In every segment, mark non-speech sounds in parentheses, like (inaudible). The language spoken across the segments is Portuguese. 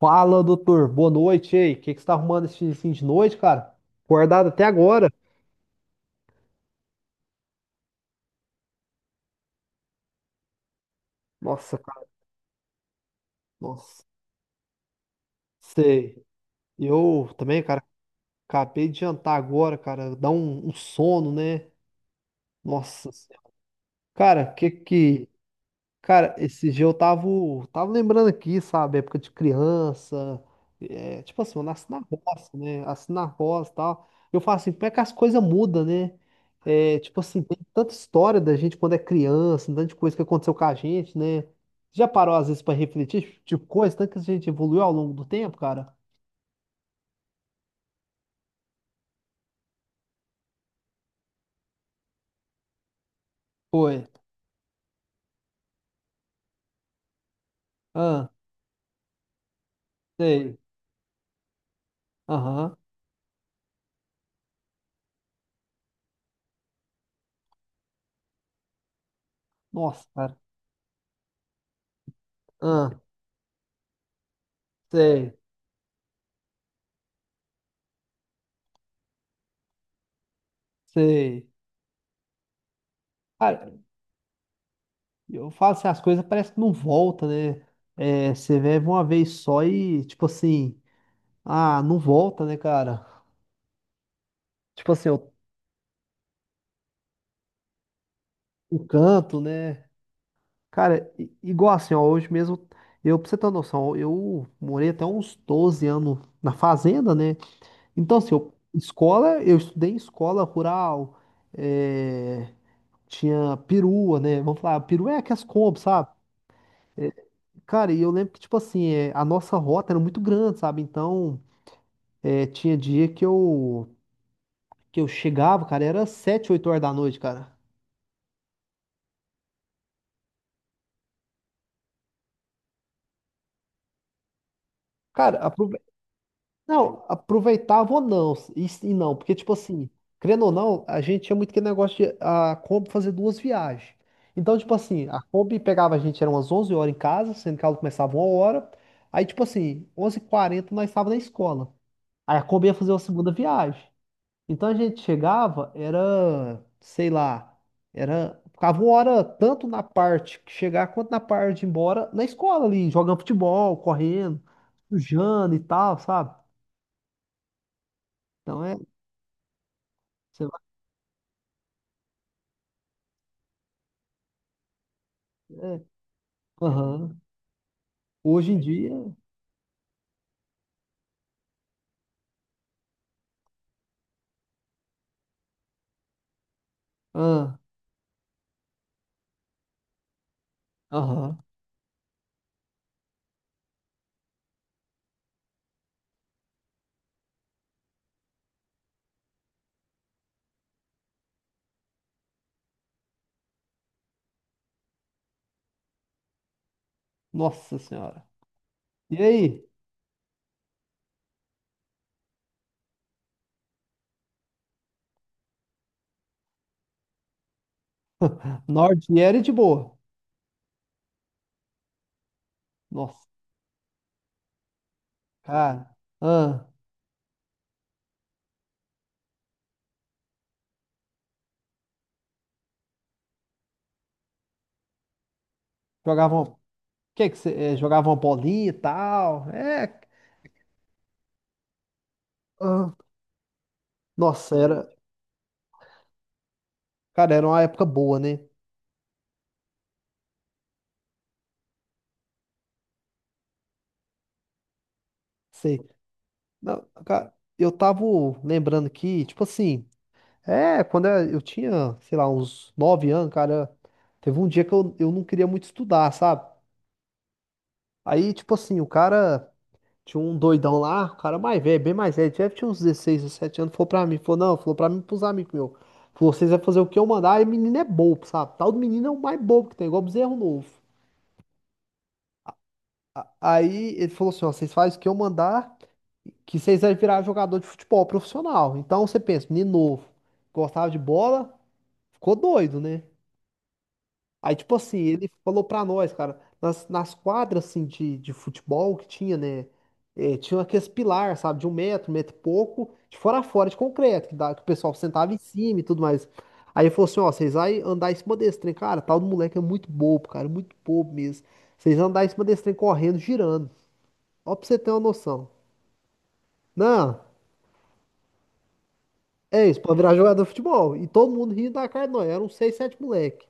Fala, doutor. Boa noite, ei. O que que você tá arrumando esse fim de noite, cara? Acordado até agora. Nossa, cara. Nossa. Sei. Eu também, cara, acabei de jantar agora, cara. Dá um sono, né? Nossa. Senhora. Cara, o que que Cara, esse dia eu tava lembrando aqui, sabe, época de criança, é, tipo assim, eu nasci na roça, né, nasci na roça e tal, eu falo assim, como é que as coisas mudam, né, é, tipo assim, tem tanta história da gente quando é criança, tanta coisa que aconteceu com a gente, né, já parou às vezes pra refletir, tipo, coisa, tanto que a gente evoluiu ao longo do tempo, cara? Foi, ah, sei, aham, nossa, cara, ah, sei, sei, cara, eu falo assim, as coisas parece que não volta, né? É, você vive uma vez só e, tipo assim, ah, não volta, né, cara? Tipo assim, o canto, né? Cara, igual assim, ó, hoje mesmo, eu, pra você ter uma noção, eu morei até uns 12 anos na fazenda, né? Então, assim, eu, escola, eu estudei em escola rural, é, tinha perua, né? Vamos falar, perua é aquelas compras, sabe? É, cara, e eu lembro que, tipo assim, é, a nossa rota era muito grande, sabe? Então. É, tinha dia que eu chegava, cara, era 7 8 horas da noite, cara. Cara, não, aproveitava ou não, e não, porque, tipo assim, querendo ou não, a gente tinha muito aquele negócio de a Kombi fazer duas viagens. Então, tipo assim, a Kombi pegava a gente, eram umas 11 horas em casa, sendo que ela começava uma hora. Aí, tipo assim, onze h 40 nós estávamos na escola. Aí a Kombi ia fazer uma segunda viagem. Então a gente chegava, era, sei lá, era, ficava uma hora tanto na parte que chegar quanto na parte de ir embora na escola ali, jogando futebol, correndo, sujando e tal, sabe? Então é, você vai, é, aham. Hoje em dia, ah, aham, nossa senhora. E aí? Norte era de boa. Nossa, cara. Ah, jogavam, que você, é, jogavam bolinha e tal. É, ah, nossa, era, cara, era uma época boa, né? Sei. Não, cara, eu tava lembrando que, tipo assim, é, quando eu tinha, sei lá, uns 9 anos, cara, teve um dia que eu não queria muito estudar, sabe? Aí, tipo assim, o cara tinha um doidão lá, o cara mais velho, bem mais velho, deve tinha uns 16 17 anos, falou pra mim, falou, não, falou pra mim, e pros amigos meus. Falou, vocês vão fazer o que eu mandar, e o menino é bobo, sabe? Tal do menino é o mais bobo que tem, igual bezerro novo. Aí ele falou assim, ó, vocês fazem o que eu mandar. Que vocês vai virar jogador de futebol profissional. Então você pensa, menino novo, gostava de bola, ficou doido, né? Aí, tipo assim, ele falou pra nós, cara, nas quadras assim, de futebol que tinha, né? Tinha aqueles pilar, sabe, de um metro e pouco, de fora a fora, de concreto, que, dá, que o pessoal sentava em cima e tudo mais. Aí ele falou assim: ó, vocês vai andar em cima desse trem, cara, tal do moleque é muito bobo, cara, muito bobo mesmo. Vocês vão andar em cima desse trem correndo, girando. Ó, pra você ter uma noção. Não. É isso, pra virar jogador de futebol. E todo mundo rindo da cara de nós. Eram seis, sete moleque.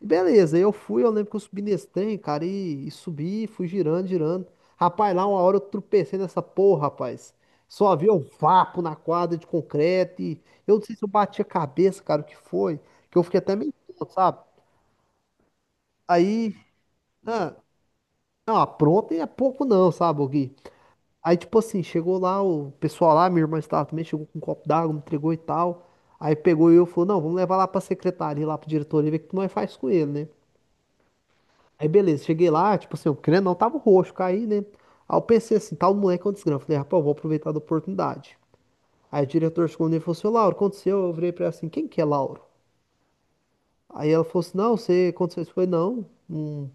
E beleza, eu fui, eu lembro que eu subi nesse trem, cara, e subi, fui girando, girando. Rapaz, lá uma hora eu tropecei nessa porra, rapaz. Só havia um vapo na quadra de concreto. E eu não sei se eu bati a cabeça, cara, o que foi. Que eu fiquei até meio tonto, sabe? Aí, ah, não, apronta e é pouco não, sabe, ô Gui? Aí, tipo assim, chegou lá, o pessoal lá, minha irmã estava também, chegou com um copo d'água, me entregou e tal. Aí pegou eu e falou, não, vamos levar lá pra secretaria, lá pra diretoria, ver o que nós faz com ele, né? Aí beleza, cheguei lá, tipo assim, o crânio não tava roxo, caí, né? Aí eu pensei assim, tal moleque é um desgrama. Falei, rapaz, eu vou aproveitar da oportunidade. Aí o diretor chegou nele e falou assim, ô Lauro, o que aconteceu? Eu virei pra ela assim, quem que é Lauro? Aí ela falou assim, não, você aconteceu isso? Eu falei, não, não,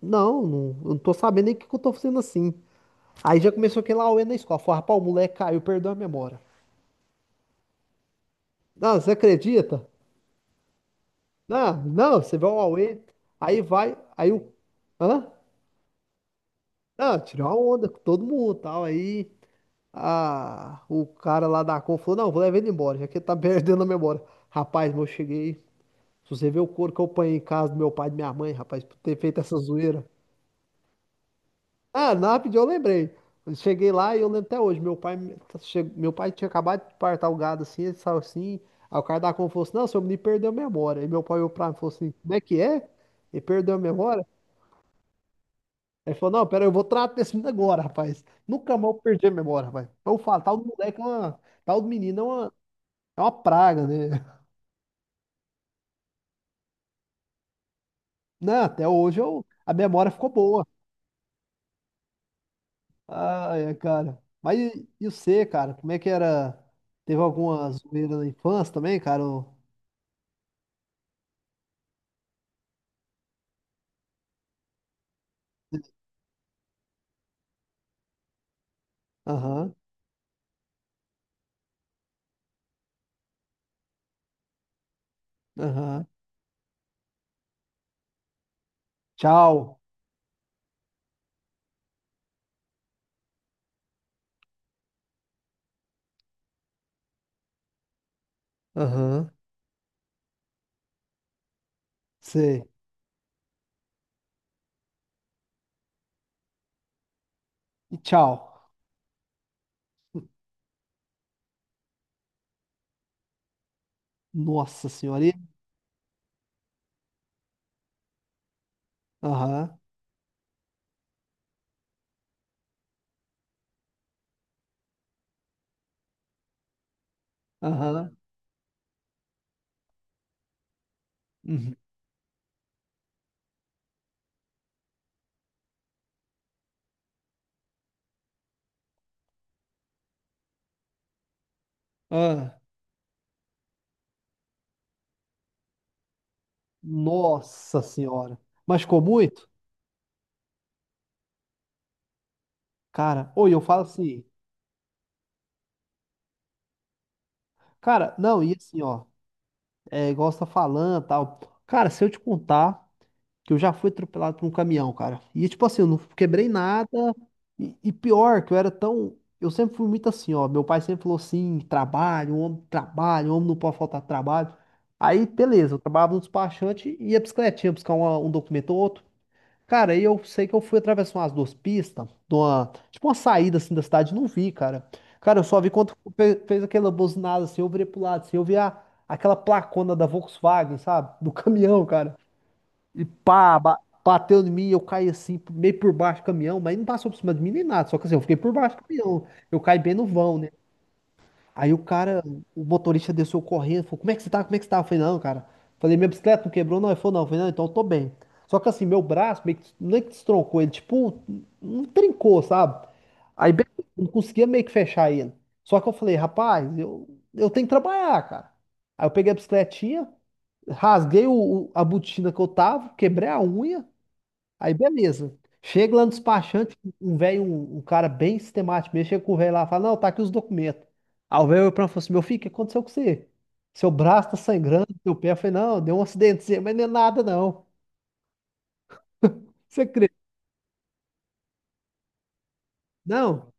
não, não, eu não tô sabendo nem o que que eu tô fazendo assim. Aí já começou aquele auê na escola. Falei, rapaz, o moleque caiu, perdeu a memória. Não, você acredita? Não, não, você vai ao Aue, aí vai, aí o. Hã? Não, tirou uma onda com todo mundo e tal. Aí a, o cara lá da Com falou: não, vou levar ele embora, já que ele tá (laughs) perdendo a memória. Rapaz, mas eu cheguei. Se você ver o couro que eu apanhei em casa do meu pai e da minha mãe, rapaz, por ter feito essa zoeira. Ah, na rapidinho eu lembrei. Eu cheguei lá e eu lembro até hoje. Meu pai, meu pai tinha acabado de partar o gado assim, ele saiu assim. Aí o cara da Compra falou assim: não, seu menino perdeu a memória. Aí meu pai olhou pra mim e falou assim: como é que é? Ele perdeu a memória? Aí ele falou: não, pera, eu vou tratar desse menino agora, rapaz. Nunca mais eu perdi a memória, rapaz. Então, eu falo: tal do moleque é uma. Tal do menino é uma praga, né? (laughs) Não, até hoje eu, a memória ficou boa. Ah, é, cara. Mas e você, cara? Como é que era? Teve alguma zoeira na infância também, cara? Aham, aham. Tchau. Aham, sei. E tchau. Nossa senhora. E- aham, aham. Uhum. Ah, nossa senhora. Machucou muito? Cara, oi, eu falo assim. Cara, não, e assim, ó. É igual você tá falando, tal. Cara, se eu te contar. Que eu já fui atropelado por um caminhão, cara. E tipo assim, eu não quebrei nada. E pior, que eu era tão. Eu sempre fui muito assim, ó. Meu pai sempre falou assim: trabalho, homem não pode faltar trabalho. Aí, beleza, eu trabalhava no despachante e ia bicicletinha buscar um documento ou outro. Cara, aí eu sei que eu fui atravessar umas duas pistas, de uma, tipo uma saída assim da cidade, não vi, cara. Cara, eu só vi quando fez aquela buzinada assim, eu virei pro lado, assim, eu vi a, aquela placona da Volkswagen, sabe? Do (laughs) caminhão, cara. E pá, bateu em mim, eu caí assim, meio por baixo do caminhão, mas não passou por cima de mim nem nada, só que assim, eu fiquei por baixo do caminhão, eu caí bem no vão, né? Aí o cara, o motorista desceu correndo, falou, como é que você tá, como é que você tá? Eu falei, não, cara, falei, minha bicicleta não quebrou? Não, ele falou, não, eu falei, não, então eu tô bem. Só que assim, meu braço meio que, não é que destroncou, ele tipo, não trincou, sabe? Aí bem, não conseguia meio que fechar ele. Só que eu falei, rapaz, eu tenho que trabalhar, cara. Aí eu peguei a bicicletinha, rasguei o, a botina que eu tava, quebrei a unha, aí beleza. Chega lá no despachante, um velho, um cara bem sistemático mesmo, chega com o velho lá e fala, não, tá aqui os documentos. Aí o velho olhou pra mim e falou assim, meu filho, o que aconteceu com você? Seu braço tá sangrando, seu pé. Eu falei, não, deu um acidentezinho, (laughs) mas não é nada não. Você crê? Não.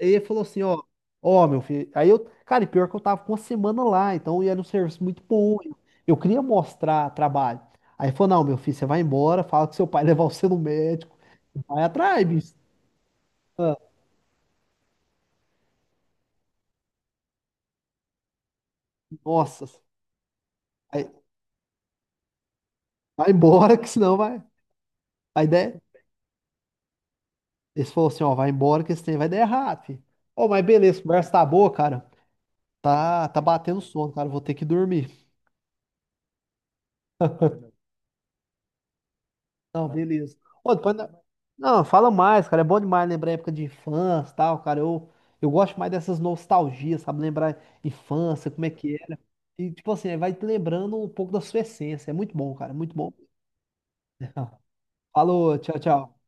Aí ele falou assim, ó, ó, meu filho. Aí eu, cara, e pior que eu tava com uma semana lá, então e era um serviço muito bom. Eu queria mostrar trabalho. Aí ele falou, não, meu filho, você vai embora, fala que seu pai (laughs) levar você no médico. Vai atrás, bicho. Ah, nossa. Aí- Vai embora, que senão vai, vai der. Eles falaram assim, ó, vai embora que esse trem vai dar errado, filho. Ô, mas beleza, a conversa tá boa, cara. Ah, tá batendo sono, cara, vou ter que dormir. Não, beleza. Ô, depois... não, fala mais, cara, é bom demais lembrar a época de infância e tal, cara. Eu gosto mais dessas nostalgias, sabe? Lembrar infância, como é que era. E, tipo assim, aí vai te lembrando um pouco da sua essência. É muito bom, cara, muito bom. (laughs) Falou, tchau, tchau.